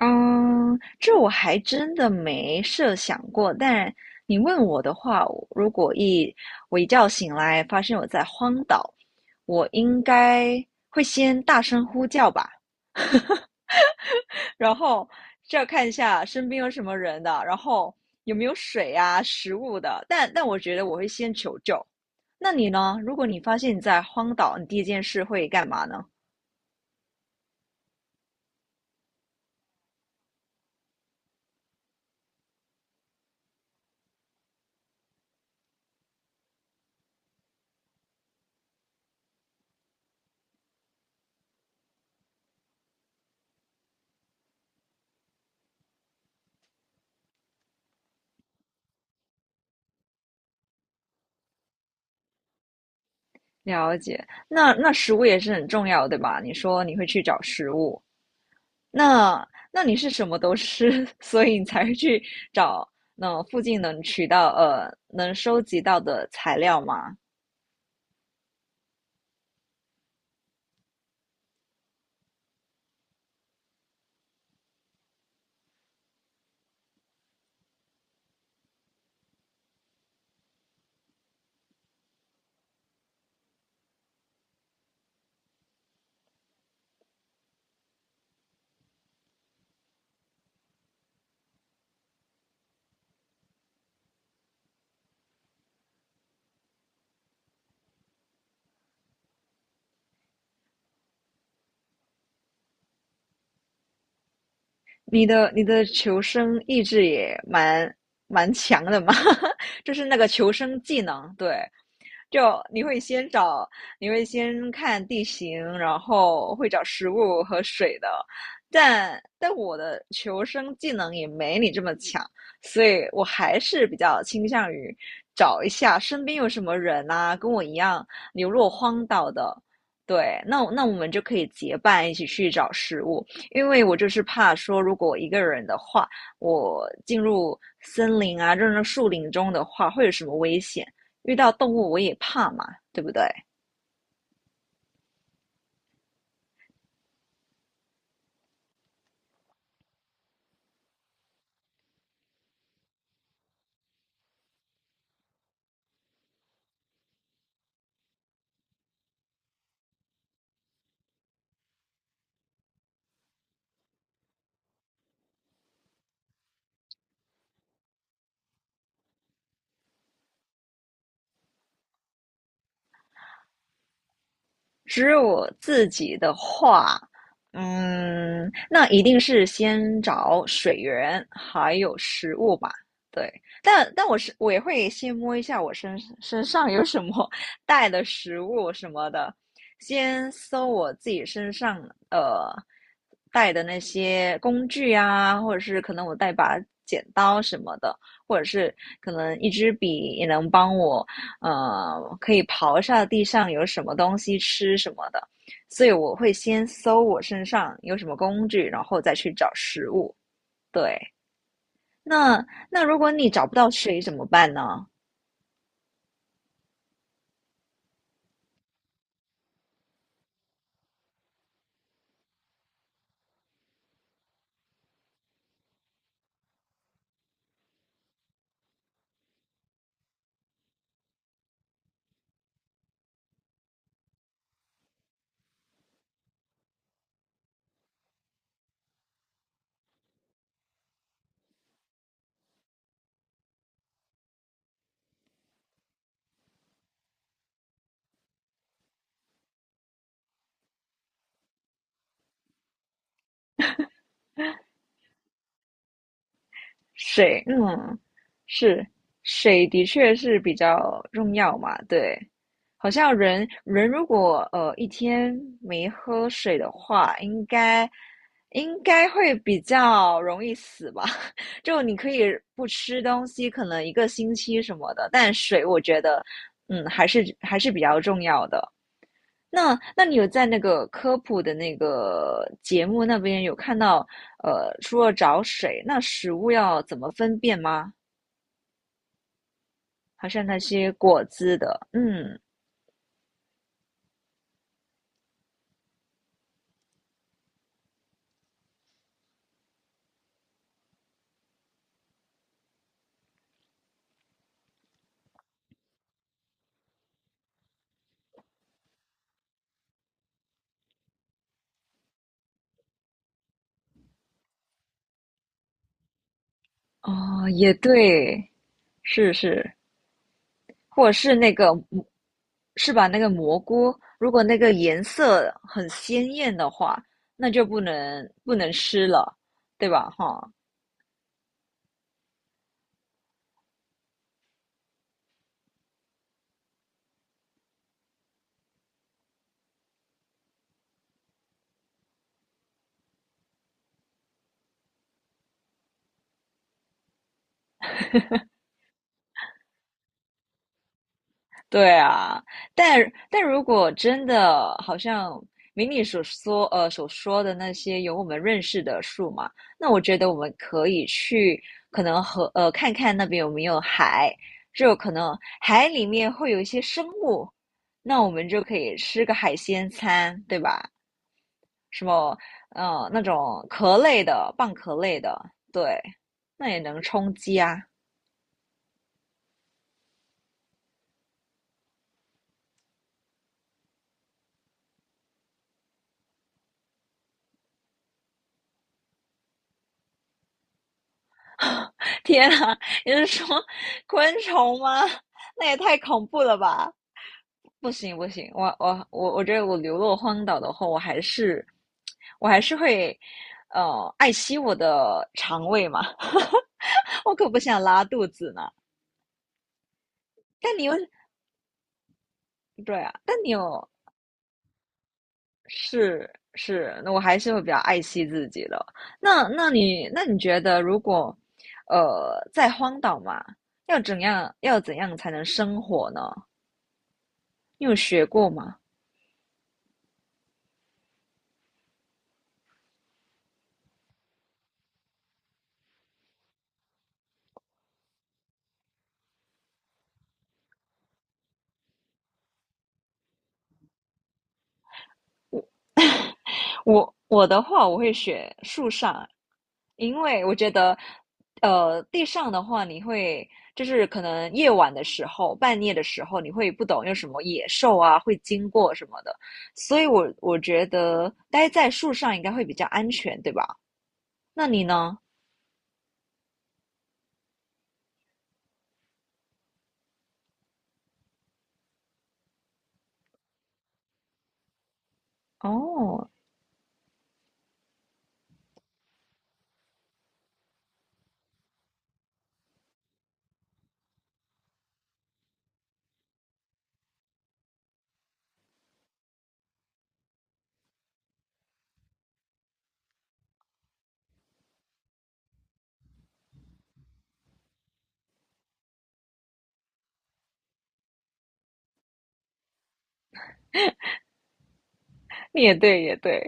嗯，这我还真的没设想过。但你问我的话，我一觉醒来发现我在荒岛，我应该会先大声呼叫吧，然后就要看一下身边有什么人的，然后有没有水啊、食物的。但我觉得我会先求救。那你呢？如果你发现你在荒岛，你第一件事会干嘛呢？了解，那食物也是很重要，对吧？你说你会去找食物。那那你是什么都吃，所以你才会去找那附近能取到能收集到的材料吗？你的你的求生意志也蛮强的嘛，就是那个求生技能，对。就你会先找，你会先看地形，然后会找食物和水的。但我的求生技能也没你这么强，所以我还是比较倾向于找一下身边有什么人啊，跟我一样流落荒岛的。对，那我们就可以结伴一起去找食物，因为我就是怕说，如果我一个人的话，我进入森林啊，进入树林中的话，会有什么危险？遇到动物我也怕嘛，对不对？只有我自己的话，嗯，那一定是先找水源还有食物吧。对，但我也会先摸一下我身上有什么带的食物什么的，先搜我自己身上呃带的那些工具啊，或者是可能我带把剪刀什么的，或者是可能一支笔也能帮我可以刨下地上有什么东西吃什么的，所以我会先搜我身上有什么工具，然后再去找食物。对，那那如果你找不到水怎么办呢？水，嗯，是，水的确是比较重要嘛，对。好像人人如果一天没喝水的话，应该会比较容易死吧？就你可以不吃东西，可能一个星期什么的，但水我觉得，嗯，还是比较重要的。那你有在那个科普的那个节目那边有看到，呃，除了找水，那食物要怎么分辨吗？好像那些果汁的，嗯，哦，也对，是是，或者是那个，是吧？那个蘑菇，如果那个颜色很鲜艳的话，那就不能吃了，对吧？哈，对啊，但但如果真的好像明你所说所说的那些有我们认识的树嘛，那我觉得我们可以去可能和看看那边有没有海，就可能海里面会有一些生物，那我们就可以吃个海鲜餐，对吧？什么嗯那种壳类的、蚌壳类的，对，那也能充饥啊。天啊，你是说 昆虫吗？那也太恐怖了吧！不行不行，我觉得我流落荒岛的话，我还是会爱惜我的肠胃嘛，我可不想拉肚子呢。但你又对啊，但你又是是，那我还是会比较爱惜自己的。那你觉得，如果在荒岛嘛，要怎样才能生活呢？你有学过吗？我的话，我会学树上，因为我觉得，呃，地上的话，你会就是可能夜晚的时候、半夜的时候，你会不懂有什么野兽啊会经过什么的，所以我觉得待在树上应该会比较安全，对吧？那你呢？哦，也对，也对，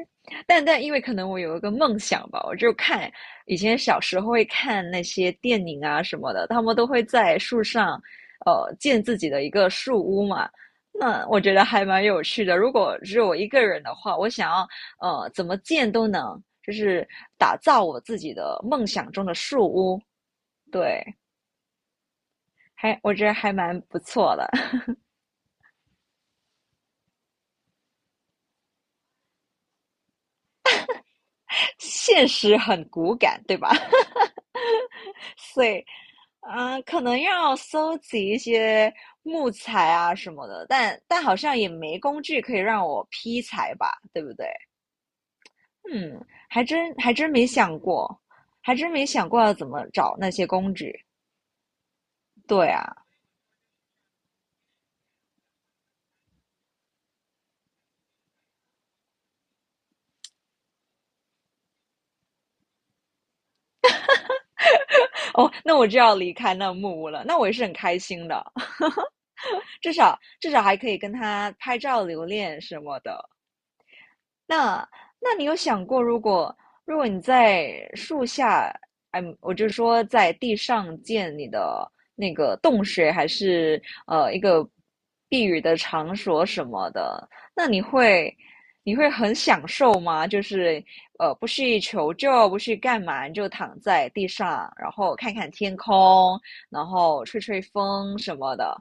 但但因为可能我有一个梦想吧，我就看以前小时候会看那些电影啊什么的，他们都会在树上，呃，建自己的一个树屋嘛。那我觉得还蛮有趣的。如果只有我一个人的话，我想要怎么建都能，就是打造我自己的梦想中的树屋。对，还我觉得还蛮不错的，现实很骨感，对吧？所以，嗯，可能要搜集一些木材啊什么的，但但好像也没工具可以让我劈柴吧，对不对？嗯，还真没想过，还真没想过要怎么找那些工具。对啊，哦，那我就要离开那木屋了，那我也是很开心的，至少还可以跟他拍照留念什么的。那那你有想过，如果如果你在树下，嗯，我就说在地上建你的那个洞穴，还是一个避雨的场所什么的，那你会你会很享受吗？就是呃，不去求救，不去干嘛，你就躺在地上，然后看看天空，然后吹吹风什么的，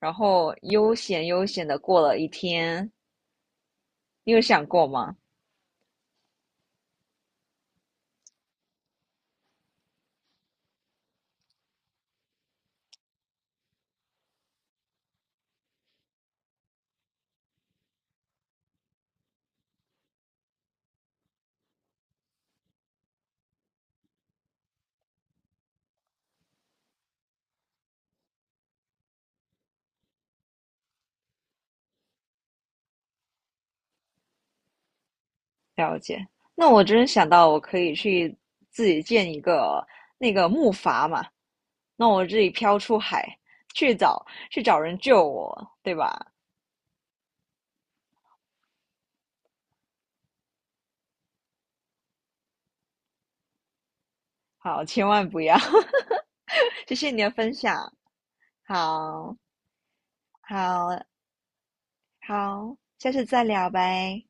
然后悠闲的过了一天，你有想过吗？了解，那我真想到我可以去自己建一个那个木筏嘛，那我自己飘出海去找去找人救我，对吧？好，千万不要，谢谢你的分享，好好好，下次再聊呗。